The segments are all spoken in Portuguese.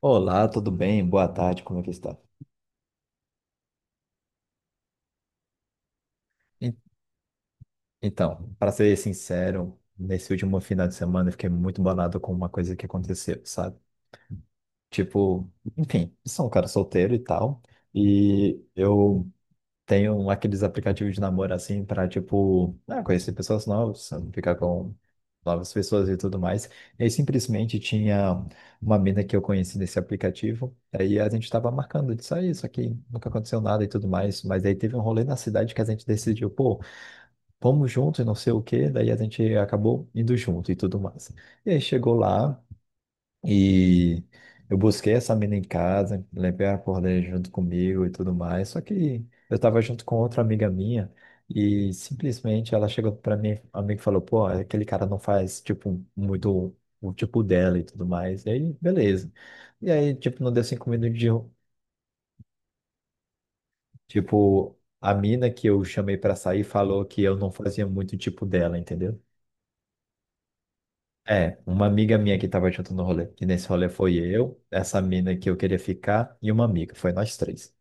Olá, tudo bem? Boa tarde, como é que está? En- Então, para ser sincero, nesse último final de semana eu fiquei muito bolado com uma coisa que aconteceu, sabe? Tipo, enfim, eu sou um cara solteiro e tal, e aqueles aplicativos de namoro assim para tipo, ah, conhecer pessoas novas, ficar com novas pessoas e tudo mais. E aí simplesmente tinha uma mina que eu conheci nesse aplicativo. Aí a gente tava marcando de sair, só que nunca aconteceu nada e tudo mais. Mas aí teve um rolê na cidade que a gente decidiu, pô, vamos junto e não sei o quê. Daí a gente acabou indo junto e tudo mais. E aí chegou lá. E eu busquei essa menina em casa, levei a cordeira junto comigo e tudo mais. Só que eu tava junto com outra amiga minha e simplesmente ela chegou pra mim, amigo, e falou: pô, aquele cara não faz, tipo, muito o tipo dela e tudo mais. E aí, beleza. E aí, tipo, não deu cinco minutos de. Tipo, a mina que eu chamei pra sair falou que eu não fazia muito o tipo dela, entendeu? É, uma amiga minha que tava junto no rolê. E nesse rolê foi eu, essa mina que eu queria ficar e uma amiga. Foi nós três.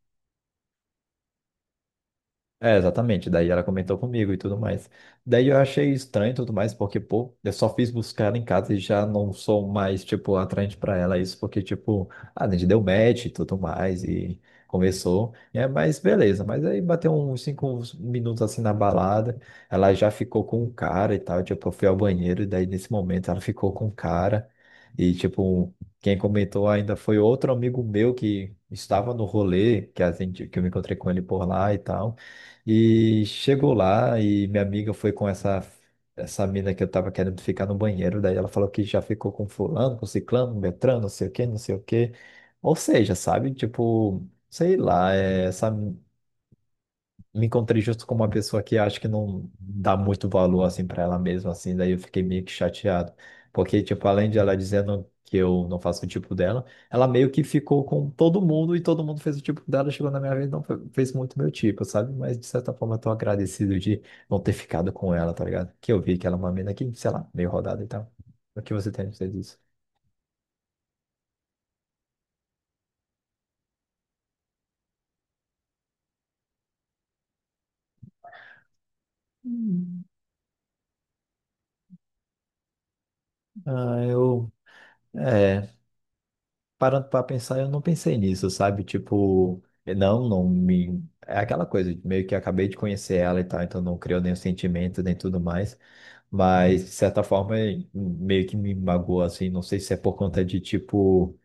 É, exatamente. Daí ela comentou comigo e tudo mais. Daí eu achei estranho e tudo mais, porque, pô, eu só fiz buscar ela em casa e já não sou mais, tipo, atraente pra ela. Isso porque, tipo, a gente deu match e tudo mais e conversou. É, mas beleza. Mas aí bateu uns cinco minutos assim na balada. Ela já ficou com o cara e tal. Tipo, eu fui ao banheiro e daí nesse momento ela ficou com o cara. E, tipo, quem comentou ainda foi outro amigo meu que estava no rolê, que que eu me encontrei com ele por lá e tal. E chegou lá e minha amiga foi com essa mina que eu tava querendo ficar no banheiro, daí ela falou que já ficou com fulano, com ciclano, Beltrano, não sei o quê, não sei o quê. Ou seja, sabe? Tipo, sei lá, é, essa me encontrei justo com uma pessoa que acho que não dá muito valor assim para ela mesma, assim, daí eu fiquei meio que chateado. Porque, tipo, além de ela dizendo que eu não faço o tipo dela, ela meio que ficou com todo mundo e todo mundo fez o tipo dela, chegou na minha vez e não fez muito meu tipo, sabe? Mas de certa forma eu tô agradecido de não ter ficado com ela, tá ligado? Que eu vi que ela é uma mina que, sei lá, meio rodada e tal. O que você tem a dizer disso? Hum. Ah, eu. É. Parando para pensar, eu não pensei nisso, sabe? Tipo, não, não me. É aquela coisa, de meio que acabei de conhecer ela e tal, então não criou nenhum sentimento nem tudo mais, mas de certa forma meio que me magoou, assim, não sei se é por conta de, tipo.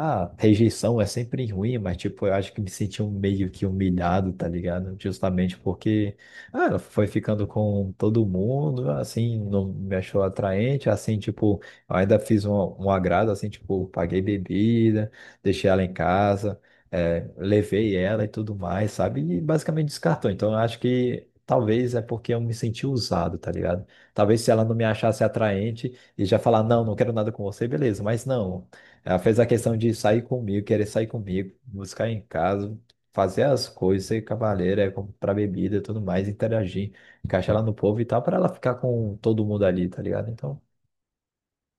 Ah, rejeição é sempre ruim, mas tipo, eu acho que me senti meio que humilhado, tá ligado? Justamente porque, ah, ela foi ficando com todo mundo, assim, não me achou atraente, assim, tipo, eu ainda fiz um, um agrado, assim, tipo, paguei bebida, deixei ela em casa, levei ela e tudo mais, sabe? E basicamente descartou. Então, eu acho que talvez é porque eu me senti usado, tá ligado? Talvez se ela não me achasse atraente e já falar, não, não quero nada com você, beleza, mas não. Ela fez a questão de sair comigo, querer sair comigo, buscar em casa, fazer as coisas, ser cavaleira, é, comprar bebida e tudo mais, interagir, encaixar ela no povo e tal, para ela ficar com todo mundo ali, tá ligado? Então,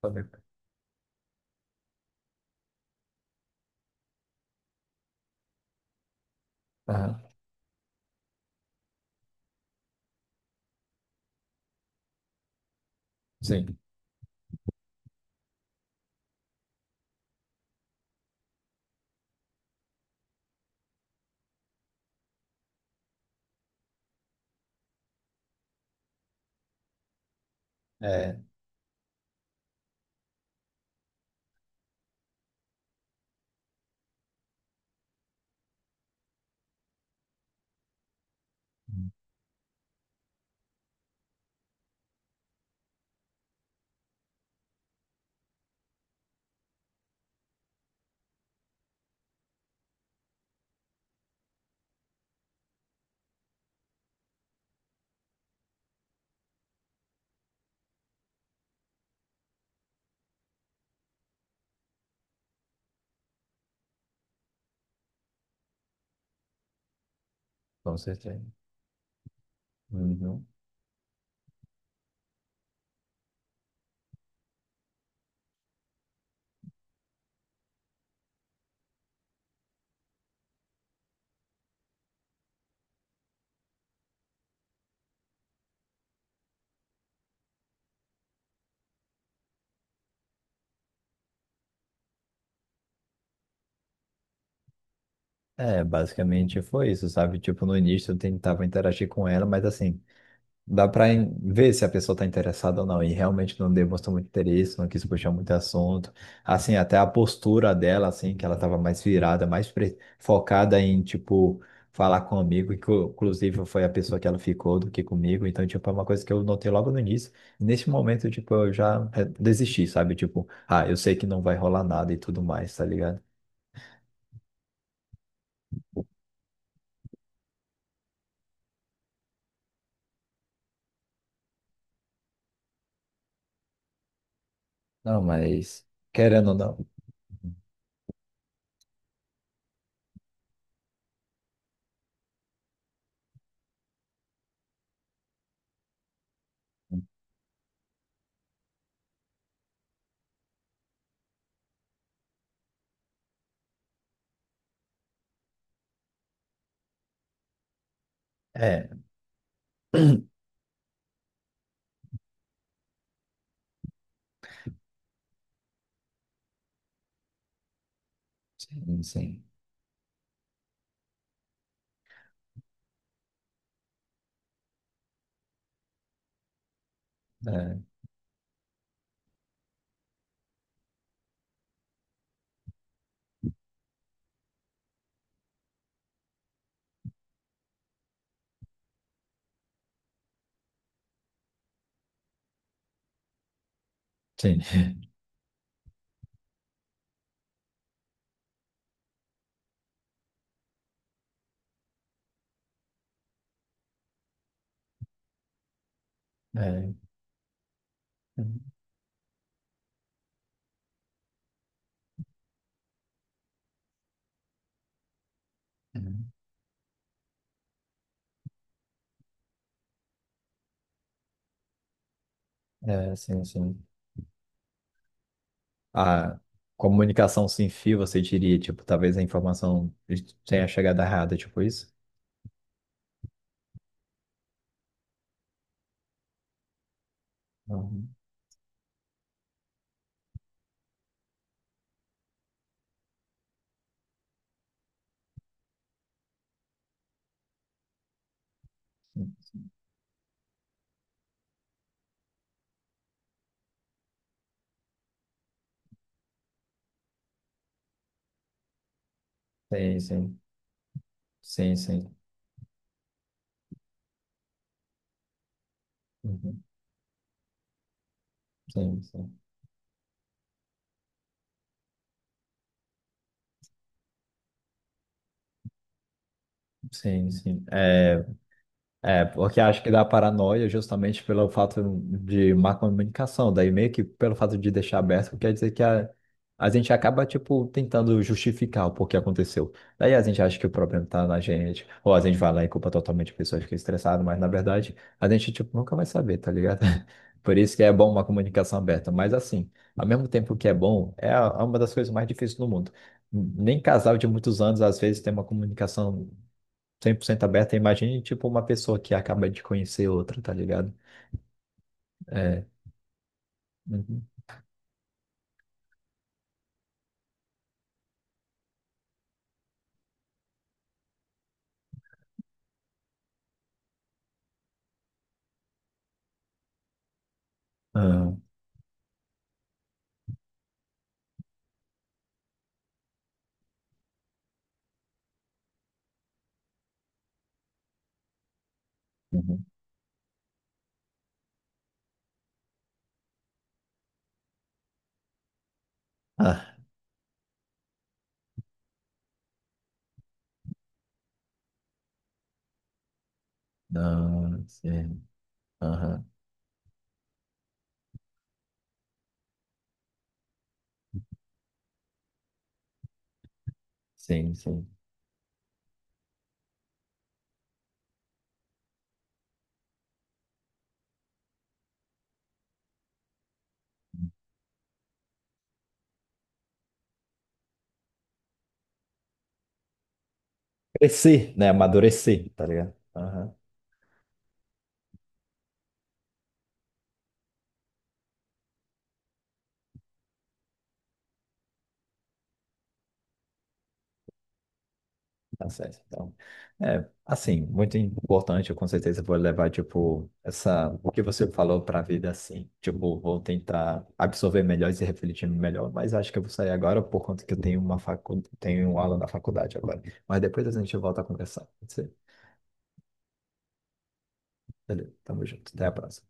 tá bem. Aham, sim, é, com certeza. Uhum. É, basicamente foi isso, sabe? Tipo, no início eu tentava interagir com ela, mas assim. Dá para ver se a pessoa está interessada ou não. E realmente não demonstrou muito interesse, não quis puxar muito assunto. Assim, até a postura dela, assim, que ela estava mais virada, mais focada em, tipo, falar comigo, e que inclusive foi a pessoa que ela ficou do que comigo. Então, tipo, é uma coisa que eu notei logo no início. Nesse momento, tipo, eu já desisti, sabe? Tipo, ah, eu sei que não vai rolar nada e tudo mais, tá ligado? Não, mas querendo ou não. É, sim, sim. É, sim. É. É, sim, sim. A comunicação sem fio, você diria, tipo, talvez a informação tenha chegado errada, tipo isso? Uhum. Sim, sim. Sim, sim. Uhum. Sim, sim. Sim, sim. É, é, porque acho que dá paranoia justamente pelo fato de má comunicação, daí meio que pelo fato de deixar aberto, quer dizer a gente acaba, tipo, tentando justificar o porquê aconteceu. Daí a gente acha que o problema tá na gente, ou a gente vai lá e culpa totalmente a pessoa, fica estressado, mas na verdade a gente, tipo, nunca vai saber, tá ligado? Por isso que é bom uma comunicação aberta, mas assim, ao mesmo tempo que é bom, é é uma das coisas mais difíceis do mundo. Nem casal de muitos anos, às vezes, tem uma comunicação 100% aberta, imagine, tipo, uma pessoa que acaba de conhecer outra, tá ligado? É. Uhum. Ah, uhum. Ah, não, sim. Aham. Sim, sim. Crescer, né? Amadurecer, tá ligado? Aham. Tá certo. Então, é, assim, muito importante, eu com certeza vou levar, tipo, essa, o que você falou pra vida, assim. Tipo, vou tentar absorver melhor e se refletir melhor, mas acho que eu vou sair agora por conta que eu tenho uma facu... tenho aula na faculdade agora. Mas depois a gente volta a conversar. Valeu, tamo junto. Até a próxima.